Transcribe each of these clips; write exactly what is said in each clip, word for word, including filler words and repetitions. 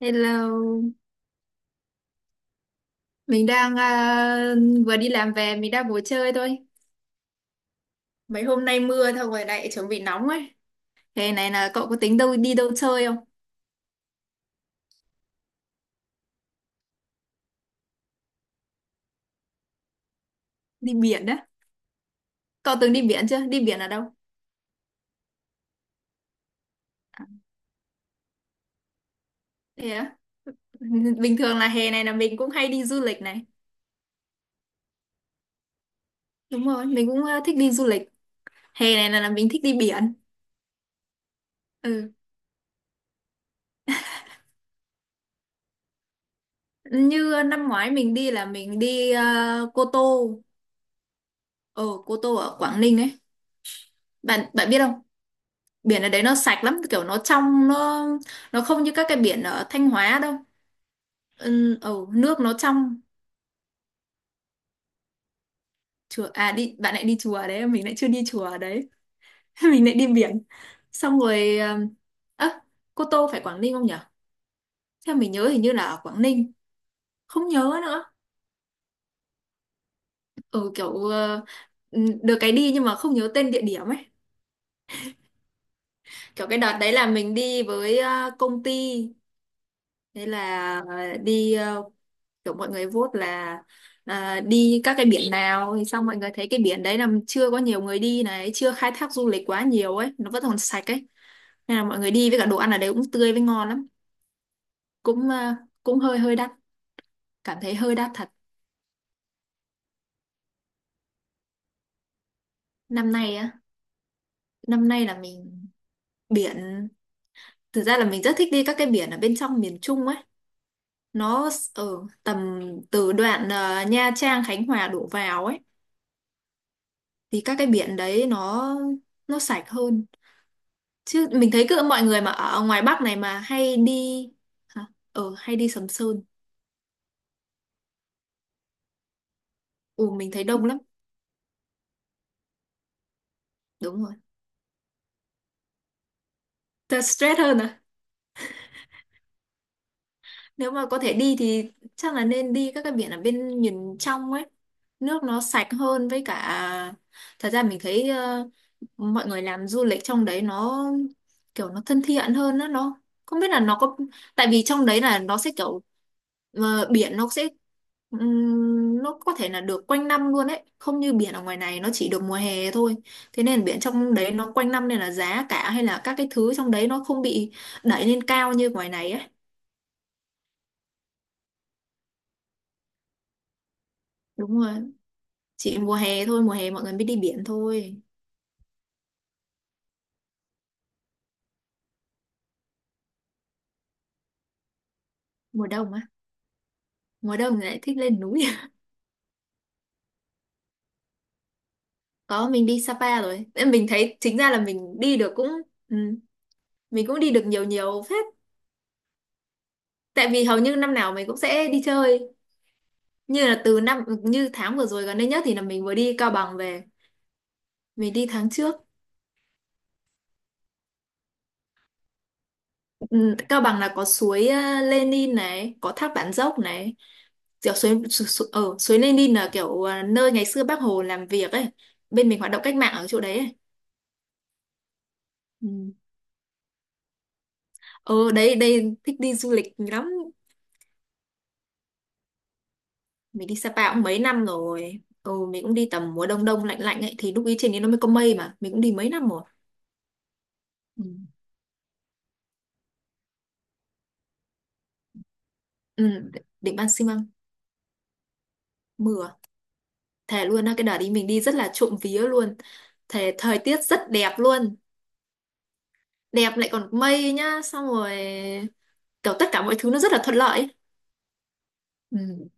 Hello, mình đang à, vừa đi làm về, mình đang ngồi chơi thôi. Mấy hôm nay mưa thôi rồi lại chuẩn bị nóng ấy. Thế này là cậu có tính đâu đi đâu chơi không? Đi biển á? Cậu từng đi biển chưa? Đi biển ở đâu? Thế á? Bình thường là hè này là mình cũng hay đi du lịch này. Đúng rồi, mình cũng à, thích đi du lịch. Hè này là, là mình thích đi biển. Ừ. Như năm ngoái mình đi là mình đi à, Cô Tô. Ờ, Cô Tô ở Quảng Ninh ấy. Bạn bạn biết không? Biển ở đấy nó sạch lắm, kiểu nó trong, nó nó không như các cái biển ở Thanh Hóa đâu. Ừ, ừ, nước nó trong. Chùa à? Đi bạn lại đi chùa đấy, mình lại chưa đi chùa ở đấy. Mình lại đi biển xong rồi, um, ơ, Cô Tô phải Quảng Ninh không nhỉ? Theo mình nhớ hình như là ở Quảng Ninh. Không nhớ nữa. Ừ, kiểu ờ, ừ, được cái đi nhưng mà không nhớ tên địa điểm ấy. Kiểu cái đợt đấy là mình đi với ờ, công ty. Thế là ờ, đi ờ, kiểu mọi người vote là à, đi các cái biển nào, thì xong mọi người thấy cái biển đấy là chưa có nhiều người đi này, chưa khai thác du lịch quá nhiều ấy, nó vẫn còn sạch ấy. Nên là mọi người đi với cả đồ ăn ở đấy cũng tươi với ngon lắm. Cũng à, cũng hơi hơi đắt, cảm thấy hơi đắt thật. Năm nay á? Năm nay là mình biển, thực ra là mình rất thích đi các cái biển ở bên trong miền Trung ấy. Nó ở tầm, từ đoạn à, Nha Trang Khánh Hòa đổ vào ấy. Thì các cái biển đấy nó nó sạch hơn. Chứ mình thấy cứ mọi người mà ở ngoài Bắc này mà hay đi. Hả? Ờ, hay đi Sầm Sơn. Ừ, mình thấy đông lắm. Đúng rồi. Thật stress hơn à? Nếu mà có thể đi thì chắc là nên đi các cái biển ở bên miền trong ấy, nước nó sạch hơn với cả. Thật ra mình thấy ờ, mọi người làm du lịch trong đấy nó kiểu nó thân thiện hơn đó. Nó không biết là nó có, tại vì trong đấy là nó sẽ kiểu ờ, biển nó sẽ ừm, nó có thể là được quanh năm luôn đấy, không như biển ở ngoài này nó chỉ được mùa hè thôi. Thế nên biển trong đấy nó quanh năm, nên là giá cả hay là các cái thứ trong đấy nó không bị đẩy lên cao như ngoài này ấy. Đúng rồi. Chị mùa hè thôi, mùa hè mọi người mới đi biển thôi. Mùa đông á, mùa đông thì lại thích lên núi. Có, mình đi Sapa rồi. Em mình thấy chính ra là mình đi được cũng, ừ, mình cũng đi được nhiều nhiều phết. Tại vì hầu như năm nào mình cũng sẽ đi chơi. Như là từ năm như tháng vừa rồi gần đây nhất thì là mình vừa đi Cao Bằng về. Mình đi tháng trước. Ừ, Cao Bằng là có suối ờ, Lenin này, có thác Bản Dốc này, kiểu suối su, su, ở suối Lenin là kiểu ờ, nơi ngày xưa Bác Hồ làm việc ấy. Bên mình hoạt động cách mạng ở chỗ đấy ấy. Ừ. Ừ, đấy đây thích đi du lịch lắm. Mình đi Sapa cũng mấy năm rồi. Ừ, mình cũng đi tầm mùa đông, đông lạnh lạnh ấy. Thì lúc ý trên đấy nó mới có mây mà. Mình cũng đi mấy năm rồi. Ừ. Ừ, đỉnh Ban Xi Măng mưa. Thề luôn á, cái đợt đi mình đi rất là trộm vía luôn. Thề thời tiết rất đẹp luôn. Đẹp lại còn mây nhá. Xong rồi kiểu tất cả mọi thứ nó rất là thuận lợi ấy. Ừ.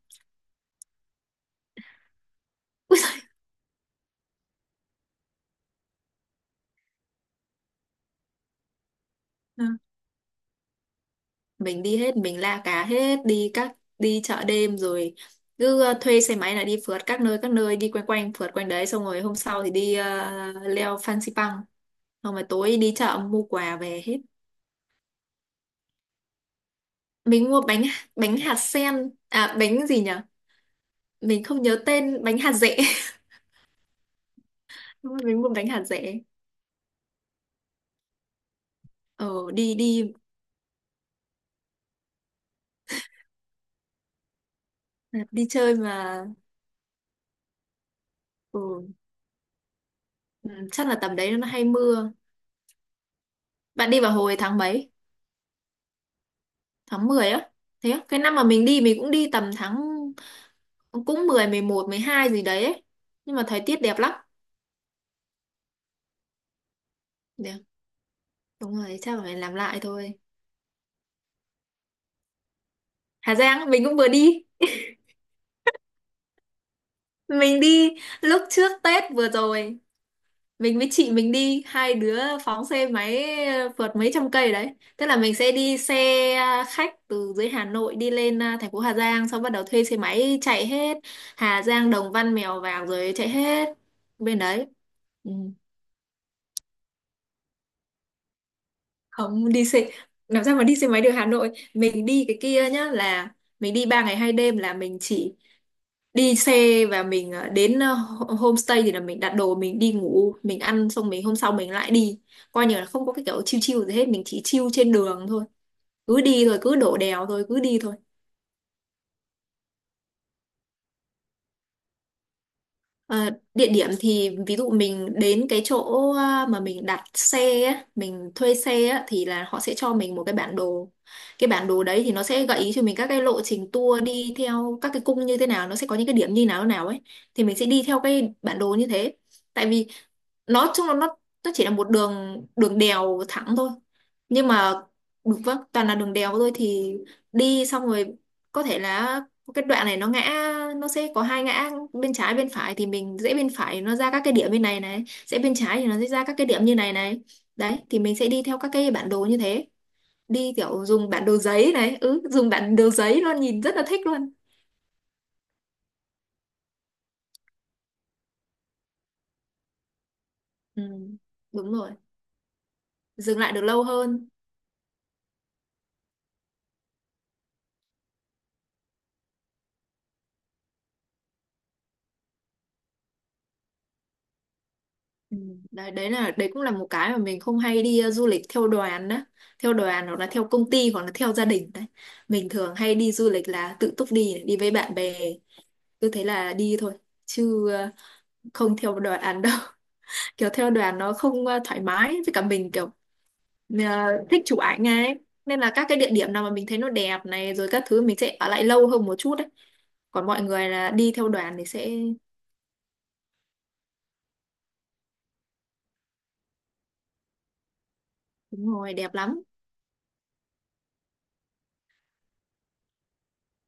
Mình đi hết, mình la cá hết, đi các đi chợ đêm rồi cứ ờ, thuê xe máy là đi phượt các nơi các nơi, đi quanh quanh phượt quanh đấy, xong rồi hôm sau thì đi ờ, leo Fansipan Pang, xong rồi tối đi chợ mua quà về hết. Mình mua bánh, bánh hạt sen à, bánh gì nhỉ? Mình không nhớ tên, bánh hạt dẻ. Đúng rồi, mình mua bánh hạt dẻ. Ờ, đi đi đi chơi mà. Ừ, ừ, chắc là tầm đấy nó hay mưa. Bạn đi vào hồi tháng mấy? Tháng mười á? Thế á? Cái năm mà mình đi, mình cũng đi tầm tháng cũng mười mười một mười hai gì đấy ấy. Nhưng mà thời tiết đẹp lắm. Đẹp. Đúng rồi, chắc là phải làm lại thôi. Hà Giang, mình cũng vừa đi. Mình đi lúc trước Tết vừa rồi. Mình với chị mình đi, hai đứa phóng xe máy vượt mấy trăm cây đấy. Tức là mình sẽ đi xe à, khách từ dưới Hà Nội đi lên à, thành phố Hà Giang, xong bắt đầu thuê xe máy chạy hết. Hà Giang, Đồng Văn, Mèo Vạc rồi chạy hết. Bên đấy. Ừ. Không, đi xe làm sao mà đi xe máy được, Hà Nội mình đi cái kia nhá, là mình đi ba ngày hai đêm là mình chỉ đi xe và mình ờ, đến ờ, ho- homestay thì là mình đặt đồ, mình đi ngủ, mình ăn xong mình hôm sau mình lại đi, coi như là không có cái kiểu chill chill gì hết, mình chỉ chill trên đường thôi. Cứ đi thôi, cứ đổ đèo thôi, cứ đi thôi. Ờ, địa điểm thì ví dụ mình đến cái chỗ à, mà mình đặt xe á, mình thuê xe á, thì là họ sẽ cho mình một cái bản đồ. Cái bản đồ đấy thì nó sẽ gợi ý cho mình các cái lộ trình tour đi theo các cái cung như thế nào, nó sẽ có những cái điểm như nào nào ấy. Thì mình sẽ đi theo cái bản đồ như thế. Tại vì nói chung là nó nó chỉ là một đường đường đèo thẳng thôi. Nhưng mà đúng, vâng, toàn là đường đèo thôi thì đi xong rồi, có thể là cái đoạn này nó ngã, nó sẽ có hai ngã bên trái bên phải thì mình dễ bên phải nó ra các cái điểm bên này này, dễ bên trái thì nó sẽ ra các cái điểm như này này, đấy thì mình sẽ đi theo các cái bản đồ như thế. Đi kiểu dùng bản đồ giấy này, ừ, dùng bản đồ giấy luôn nhìn rất là thích luôn. Ừ, đúng rồi, dừng lại được lâu hơn. Ừ, đấy đấy là đấy cũng là một cái mà mình không hay đi ờ, du lịch theo đoàn đó, theo đoàn hoặc là theo công ty hoặc là theo gia đình đấy. Mình thường hay đi du lịch là tự túc, đi đi với bạn bè, cứ thế là đi thôi, chứ ờ, không theo đoàn đâu. Kiểu theo đoàn nó không ờ, thoải mái với cả mình, kiểu ờ, thích chụp ảnh ấy, nên là các cái địa điểm nào mà mình thấy nó đẹp này rồi các thứ, mình sẽ ở lại lâu hơn một chút đấy. Còn mọi người là đi theo đoàn thì sẽ đúng rồi, đẹp lắm.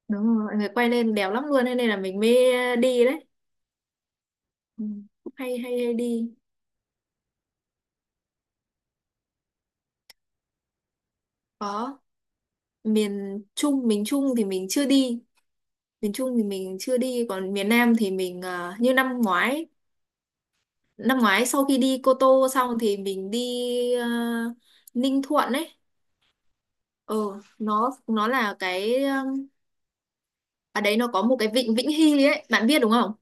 Đúng rồi, mọi người quay lên đẹp lắm luôn, thế nên là mình mới ờ, đi đấy. Ừ. Cũng hay hay hay đi. Có, miền Trung, miền Trung thì mình chưa đi, miền Trung thì mình chưa đi, còn miền Nam thì mình ờ, như năm ngoái, năm ngoái sau khi đi Cô Tô xong thì mình đi ờ, Ninh Thuận ấy. ờ nó nó là cái um, ở đấy nó có một cái vịnh Vĩnh Hy ấy, bạn biết đúng không?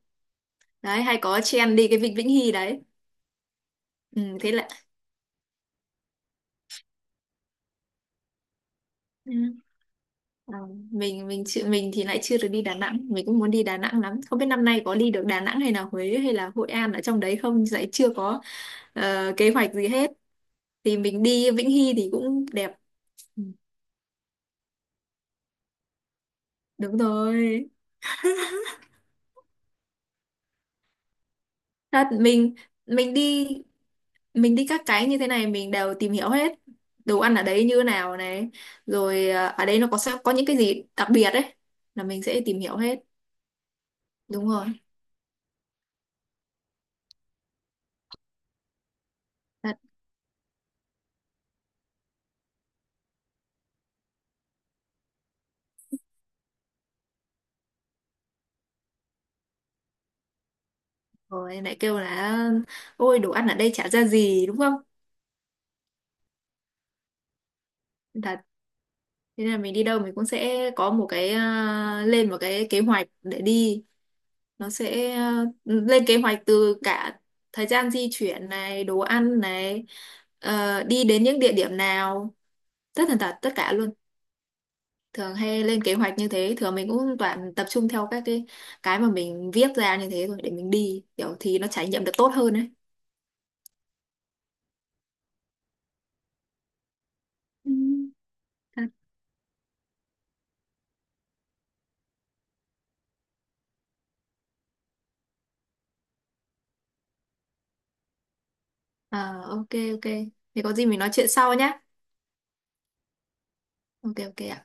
Đấy hay có trend đi cái vịnh Vĩnh Hy đấy. Ừ, thế là ừ. ờ, mình mình chịu, mình thì lại chưa được đi Đà Nẵng, mình cũng muốn đi Đà Nẵng lắm, không biết năm nay có đi được Đà Nẵng hay là Huế hay là Hội An ở trong đấy không, lại chưa có ờ, kế hoạch gì hết. Thì mình đi Vĩnh Hy thì cũng đẹp. Ừ, đúng rồi. Thật mình mình đi, mình đi các cái như thế này mình đều tìm hiểu hết, đồ ăn ở đấy như thế nào này, rồi à, ở đấy nó có sao có những cái gì đặc biệt đấy, là mình sẽ tìm hiểu hết. Đúng rồi. Thật rồi lại kêu là ôi đồ ăn ở đây chả ra gì, đúng không? Thật. Thế nên là mình đi đâu mình cũng sẽ có một cái à, lên một cái kế hoạch để đi, nó sẽ à, lên kế hoạch từ cả thời gian di chuyển này, đồ ăn này, ờ, đi đến những địa điểm nào, tất tần tật tất cả luôn. Thường hay lên kế hoạch như thế, thường mình cũng toàn tập trung theo các cái cái mà mình viết ra như thế rồi để mình đi, kiểu thì nó trải nghiệm được tốt hơn ấy. Ừ. À, ok ok. Thì có gì mình nói chuyện sau nhé. Ok ok ạ.